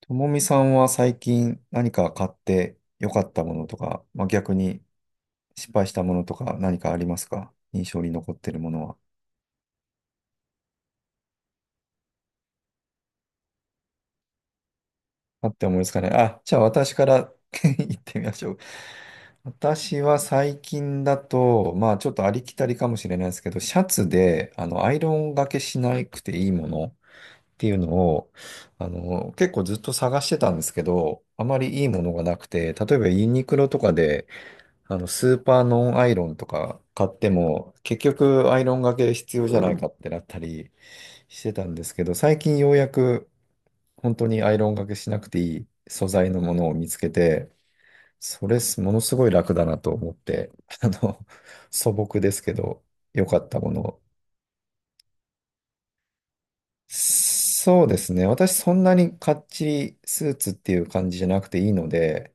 ともみさんは最近何か買って良かったものとか、まあ、逆に失敗したものとか何かありますか、印象に残ってるものは？あって思いますかね。あ、じゃあ私から 言ってみましょう。私は最近だと、まあちょっとありきたりかもしれないですけど、シャツでアイロンがけしなくていいものっていうのを、結構ずっと探してたんですけど、あまりいいものがなくて、例えばユニクロとかで、スーパーノンアイロンとか買っても、結局アイロンがけ必要じゃないかってなったりしてたんですけど、最近ようやく本当にアイロンがけしなくていい素材のものを見つけて、それものすごい楽だなと思って、あの、素朴ですけど、良かったものを。そうですね。私そんなにかっちりスーツっていう感じじゃなくていいので、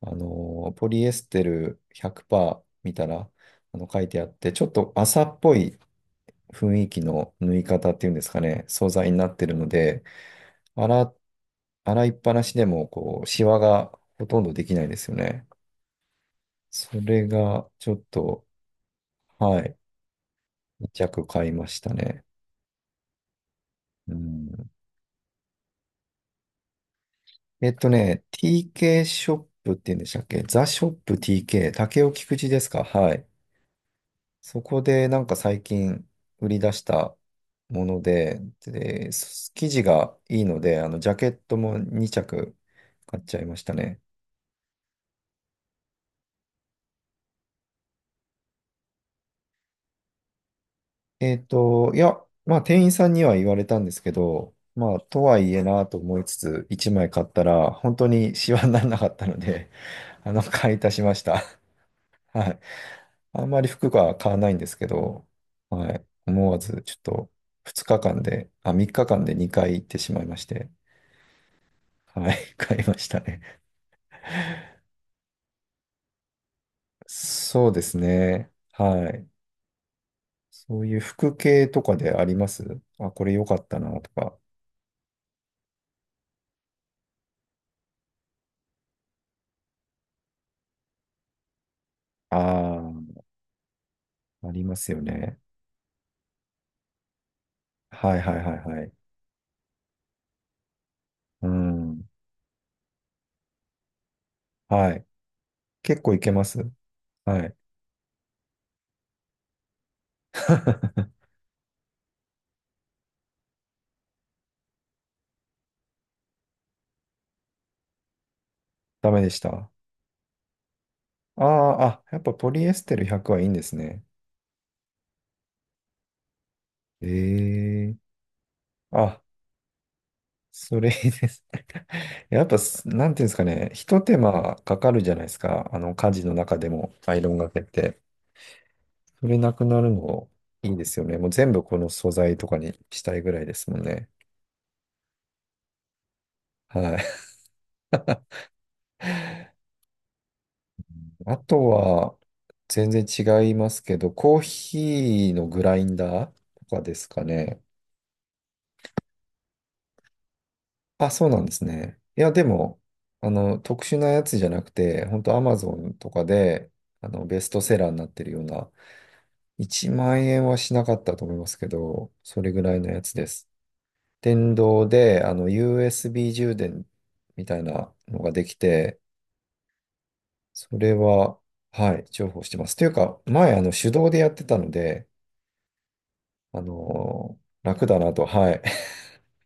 ポリエステル100%見たら、書いてあって、ちょっと麻っぽい雰囲気の縫い方っていうんですかね、素材になってるので、洗、洗いっぱなしでも、こう、シワがほとんどできないですよね。それが、ちょっと、はい、2着買いましたね。うん。TK ショップって言うんでしたっけ、ザショップ TK、竹尾菊池ですか、はい。そこでなんか最近売り出したもので、生地がいいので、ジャケットも2着買っちゃいましたね。いや、まあ、店員さんには言われたんですけど、まあ、とはいえなと思いつつ、1枚買ったら、本当にシワにならなかったので、買い足しました。はい。あんまり服が買わないんですけど、はい。思わず、ちょっと、2日間で、あ、3日間で2回行ってしまいまして、はい、買いましたね。そうですね。はい。そういう服系とかであります、あ、これ良かったなとか。ああ、ありますよね。はいはいはいはい。うん。はい。結構いけます。はい。ダメでした。ああ、あ、やっぱポリエステル100はいいんですね。ええ、あ、それいいです。やっぱ、なんていうんですかね、一手間かかるじゃないですか。家事の中でもアイロンがけって。それなくなるのいいですよね。もう全部この素材とかにしたいぐらいですもんね。はい。あとは、全然違いますけど、コーヒーのグラインダーとかですかね。あ、そうなんですね。いや、でも、特殊なやつじゃなくて、本当アマゾンとかで、ベストセラーになってるような、1万円はしなかったと思いますけど、それぐらいのやつです。電動で、USB 充電みたいなのができて、それは、はい、重宝してます。というか、前、手動でやってたので、楽だなと、はい。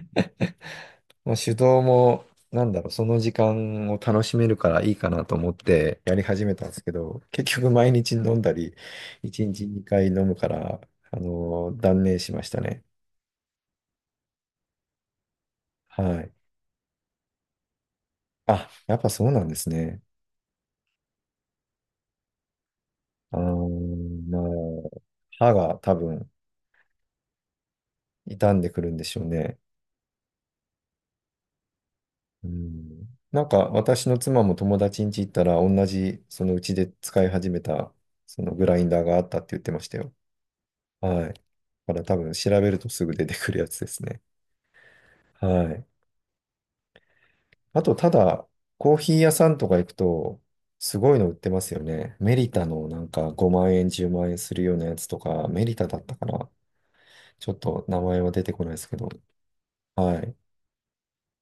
まあ手動も、なんだろう、その時間を楽しめるからいいかなと思ってやり始めたんですけど、結局毎日飲んだり、1日2回飲むから、断念しましたね。はい。あ、やっぱそうなんですね。あー、まあ、歯が多分傷んでくるんでしょうね。うん。なんか私の妻も友達ん家行ったら同じ、そのうちで使い始めた、そのグラインダーがあったって言ってましたよ。はい。だから多分調べるとすぐ出てくるやつですね。はい。あと、ただ、コーヒー屋さんとか行くと、すごいの売ってますよね。メリタのなんか5万円、10万円するようなやつとか、メリタだったかな。ちょっと名前は出てこないですけど。はい。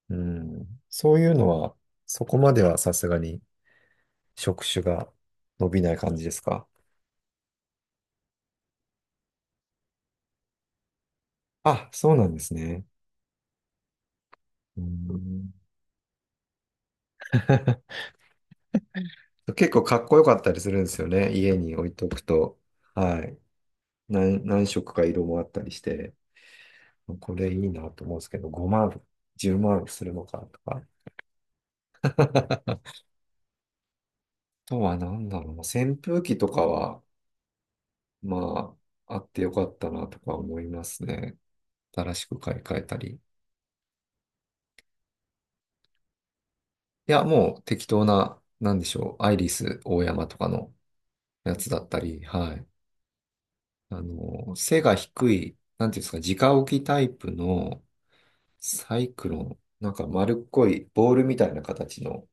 うん。そういうのは、そこまではさすがに職種が伸びない感じですか。あ、そうなんですね。うん。結構かっこよかったりするんですよね。家に置いとくと。はい。何色か色もあったりして、これいいなと思うんですけど、5万、10万するのかとか。あとは何だろうな、扇風機とかは、まあ、あってよかったなとか思いますね。新しく買い替えたり。いや、もう適当な、なんでしょう、アイリス大山とかのやつだったり、はい。背が低い、なんていうんですか、直置きタイプのサイクロン、なんか丸っこいボールみたいな形の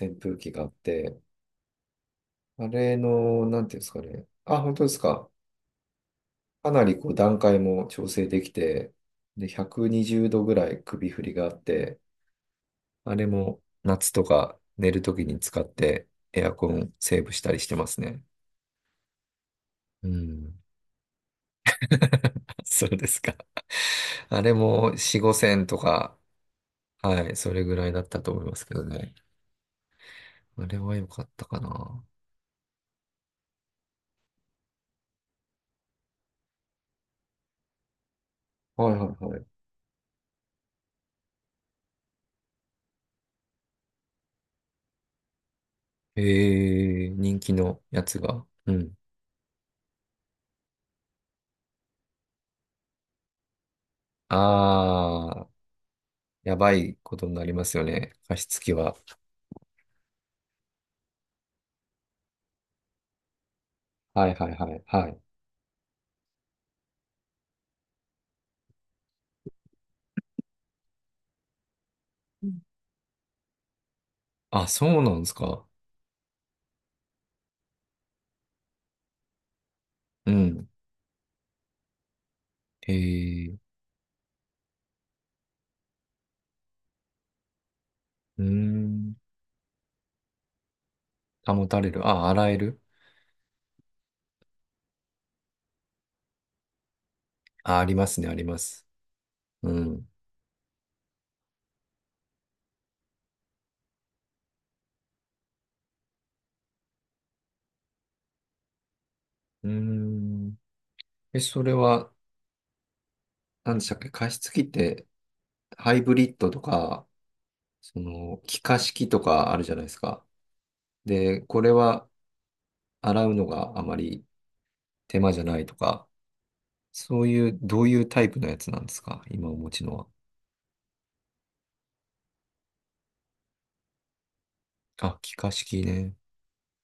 扇風機があって、あれの、なんていうんですかね。あ、本当ですか。かなりこう段階も調整できて、で、120度ぐらい首振りがあって、あれも夏とか寝るときに使ってエアコンセーブしたりしてますね。うん。そうですか。あれも4、5千とか、はい、それぐらいだったと思いますけどね。あれは良かったかな。はいはいはい。えー、人気のやつが。うん。あ、やばいことになりますよね。加湿器は。はいはいはいはい。うん、あ、そうなんですか。うん。えー。うーん。保たれる。あ、洗える。あ、ありますね、あります。うん。うーん。え、それは、何でしたっけ加湿器って、ハイブリッドとか、気化式とかあるじゃないですか。で、これは、洗うのがあまり手間じゃないとか、そういう、どういうタイプのやつなんですか、今お持ちのは。あ、気化式ね。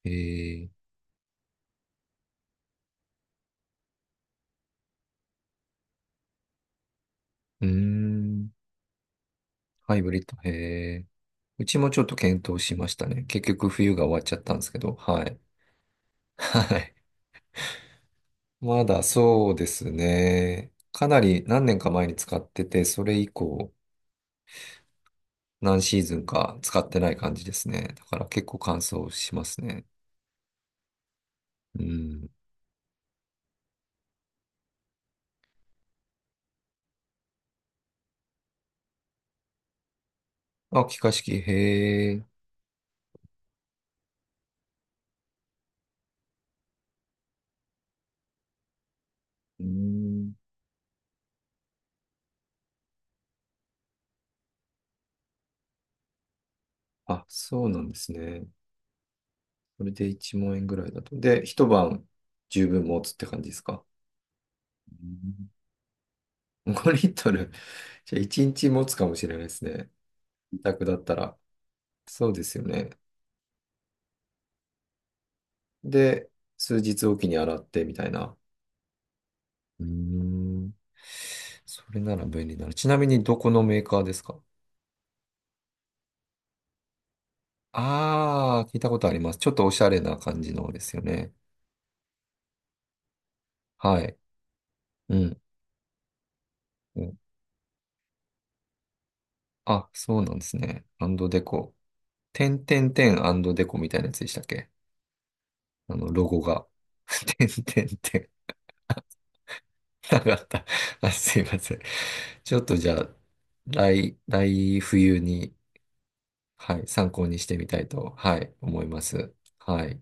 へえ、うーん、ハイブリッド、へえ。うちもちょっと検討しましたね。結局冬が終わっちゃったんですけど、はい。はい。まだそうですね。かなり何年か前に使ってて、それ以降何シーズンか使ってない感じですね。だから結構乾燥しますね。うん。あ、気化式、へえ。うん。あ、そうなんですね。それで1万円ぐらいだと。で、一晩十分持つって感じですか。うん、5リットル。じゃあ一日持つかもしれないですね。自宅だったら。そうですよね。で、数日おきに洗ってみたいな。うーん。それなら便利だな。ちなみにどこのメーカーですか？ああー、聞いたことあります。ちょっとおしゃれな感じのですよね。はい。うん。お、あ、そうなんですね。アンドデコ。てんてんてんアンドデコみたいなやつでしたっけ？あの、ロゴが。てんてんてん。なかった。あ、すいません。ちょっとじゃあ、来冬に、はい、参考にしてみたいと、はい、思います。はい。